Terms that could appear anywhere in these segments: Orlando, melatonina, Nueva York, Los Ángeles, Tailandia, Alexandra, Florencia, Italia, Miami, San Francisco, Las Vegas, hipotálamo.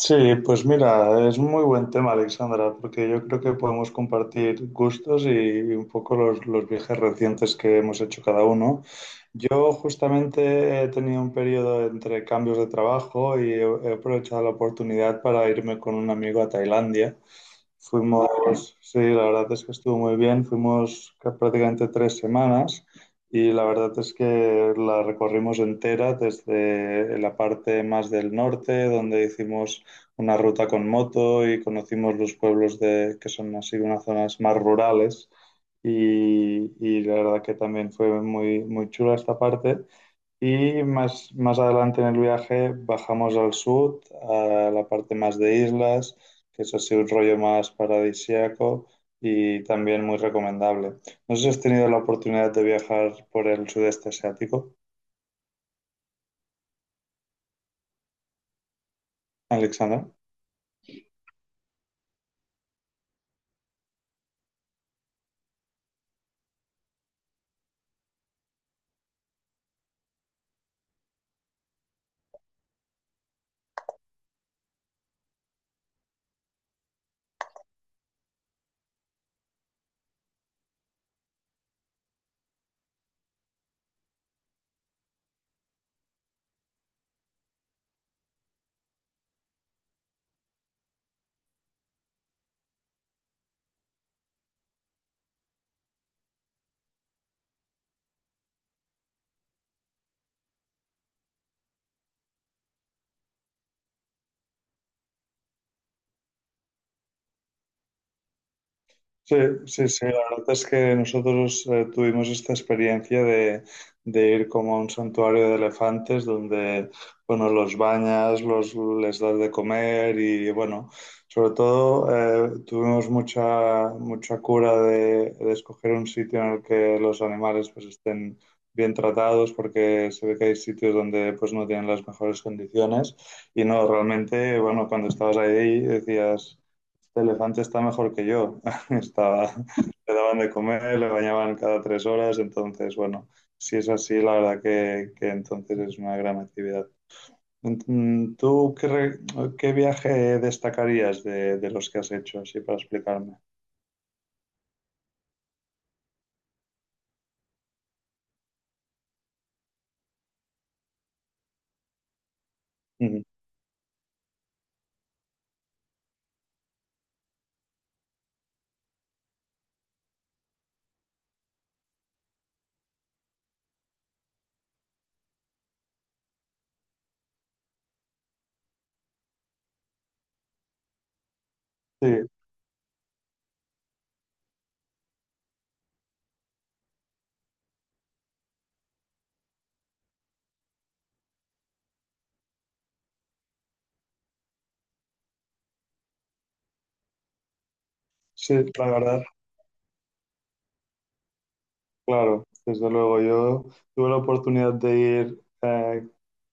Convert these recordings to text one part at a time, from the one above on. Sí, pues mira, es muy buen tema, Alexandra, porque yo creo que podemos compartir gustos y, un poco los viajes recientes que hemos hecho cada uno. Yo justamente he tenido un periodo entre cambios de trabajo y he aprovechado la oportunidad para irme con un amigo a Tailandia. Vale. Fuimos, sí, la verdad es que estuvo muy bien, fuimos prácticamente 3 semanas y la verdad es que la recorrimos entera desde la parte más del norte, donde hicimos una ruta con moto y conocimos los pueblos de, que son así unas zonas más rurales y la verdad que también fue muy, muy chula esta parte. Y más adelante en el viaje bajamos al sur, a la parte más de islas, que es así un rollo más paradisíaco y también muy recomendable. No sé si has tenido la oportunidad de viajar por el sudeste asiático, Alexandra. Sí, sí, sí, la verdad es que nosotros tuvimos esta experiencia de, ir como a un santuario de elefantes donde, bueno, los bañas, les das de comer y, bueno, sobre todo tuvimos mucha cura de escoger un sitio en el que los animales pues estén bien tratados porque se ve que hay sitios donde pues no tienen las mejores condiciones y no, realmente, bueno, cuando estabas ahí decías... Este elefante está mejor que yo. Estaba, le daban de comer, le bañaban cada 3 horas, entonces, bueno, si es así, la verdad que, entonces es una gran actividad. ¿Tú qué, qué viaje destacarías de los que has hecho, así para explicarme? Ujú. Sí, sí, la verdad. Claro, desde luego. Yo tuve la oportunidad de ir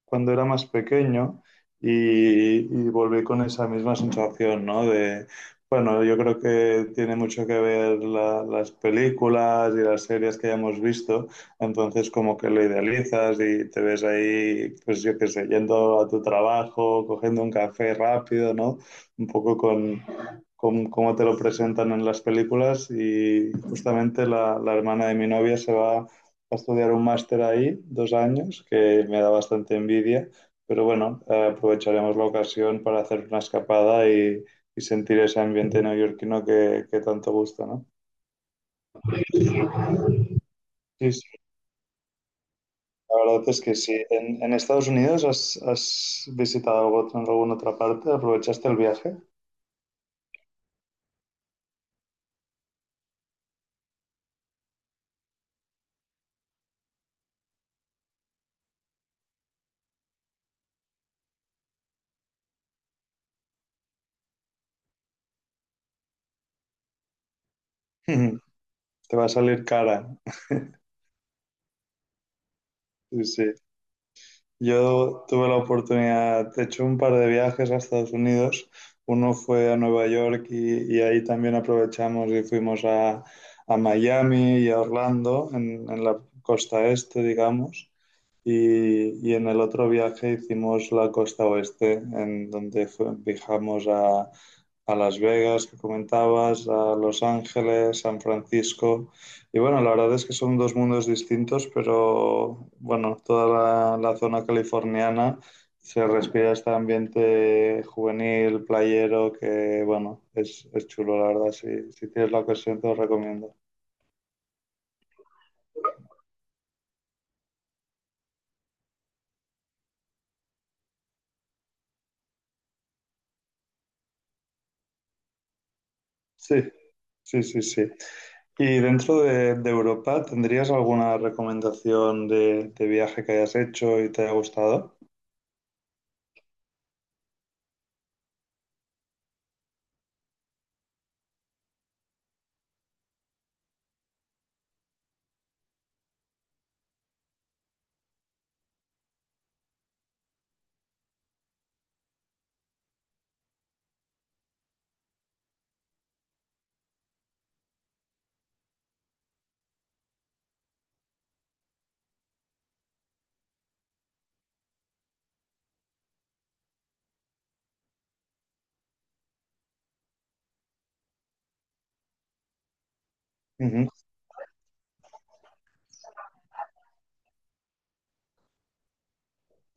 cuando era más pequeño y volví con esa misma sensación, ¿no? De, bueno, yo creo que tiene mucho que ver las películas y las series que hayamos visto, entonces como que lo idealizas y te ves ahí, pues yo qué sé, yendo a tu trabajo, cogiendo un café rápido, ¿no? Un poco con, cómo te lo presentan en las películas y justamente la, hermana de mi novia se va a estudiar un máster ahí, 2 años, que me da bastante envidia, pero bueno, aprovecharemos la ocasión para hacer una escapada y sentir ese ambiente neoyorquino que tanto gusta, ¿no? Sí, sí, la verdad es que sí. ¿En Estados Unidos has visitado algo, alguna otra parte? ¿Aprovechaste el viaje? Te va a salir cara. Sí, sí. Yo tuve la oportunidad, he hecho, un par de viajes a Estados Unidos. Uno fue a Nueva York y ahí también aprovechamos y fuimos a, Miami y a Orlando, en la costa este, digamos. Y en el otro viaje hicimos la costa oeste, en donde viajamos a Las Vegas, que comentabas, a Los Ángeles, San Francisco. Y bueno, la verdad es que son dos mundos distintos, pero bueno, toda la, zona californiana se respira este ambiente juvenil, playero, que bueno, es, chulo, la verdad. si tienes la ocasión, te lo recomiendo. Sí, sí, sí, sí. Y dentro de, de, Europa, ¿tendrías alguna recomendación de viaje que hayas hecho y te haya gustado? Ujú.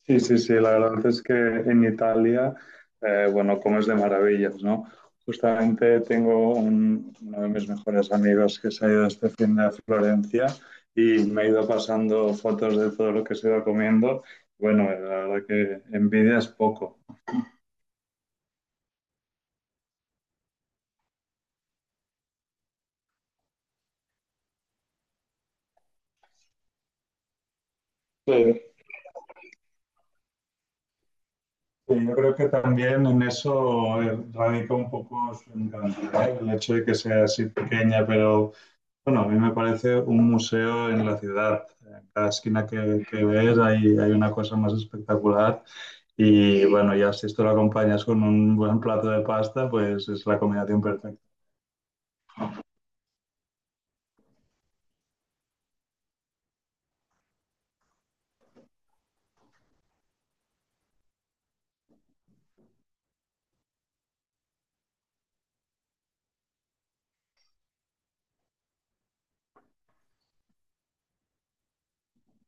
Sí, sí, sí, la verdad es que en Italia, bueno, comes de maravillas, ¿no? Justamente tengo uno de mis mejores amigos que se ha ido este fin de a Florencia y me ha ido pasando fotos de todo lo que se va comiendo. Bueno, la verdad que envidia es poco. Sí. Sí, yo creo que también en eso radica un poco su encanto, ¿no? El hecho de que sea así pequeña, pero bueno, a mí me parece un museo en la ciudad. En cada esquina que, ves hay una cosa más espectacular y bueno, ya si esto lo acompañas con un buen plato de pasta, pues es la combinación perfecta.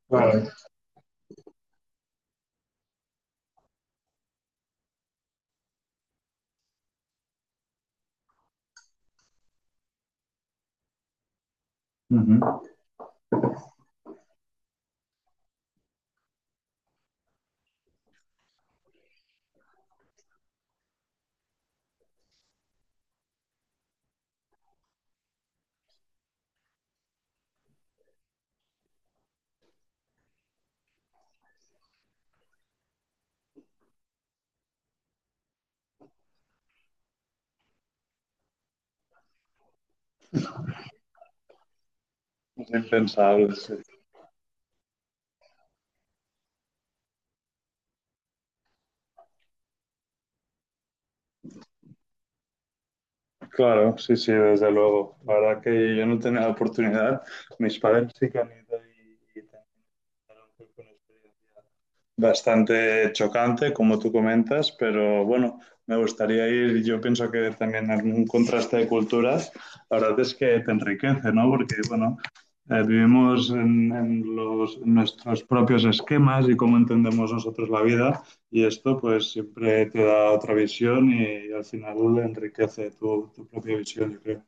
Claro. Ujú. Es impensable, sí. Claro, sí, sí, desde luego. La verdad que yo no tenía la oportunidad. Mis padres sí que han ido y también fueron con experiencia bastante chocante, como tú comentas, pero bueno, me gustaría ir, yo pienso que también en un contraste de culturas, la verdad es que te enriquece, ¿no? Porque, bueno, vivimos en en nuestros propios esquemas y cómo entendemos nosotros la vida y esto pues siempre te da otra visión y, al final enriquece tu, propia visión, yo creo.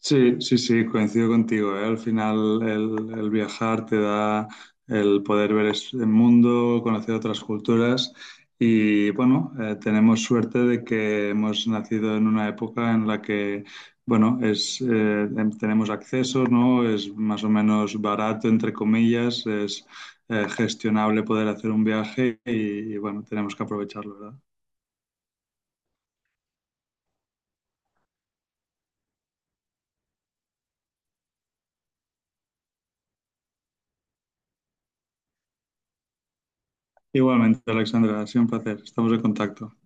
Sí, sí, sí, coincido contigo, ¿eh? Al final el viajar te da el poder ver el mundo, conocer otras culturas y bueno, tenemos suerte de que hemos nacido en una época en la que, bueno, tenemos acceso, ¿no? Es más o menos barato, entre comillas, es gestionable poder hacer un viaje y bueno, tenemos que aprovecharlo, ¿verdad? Igualmente, Alexandra, ha sido un placer, estamos en contacto.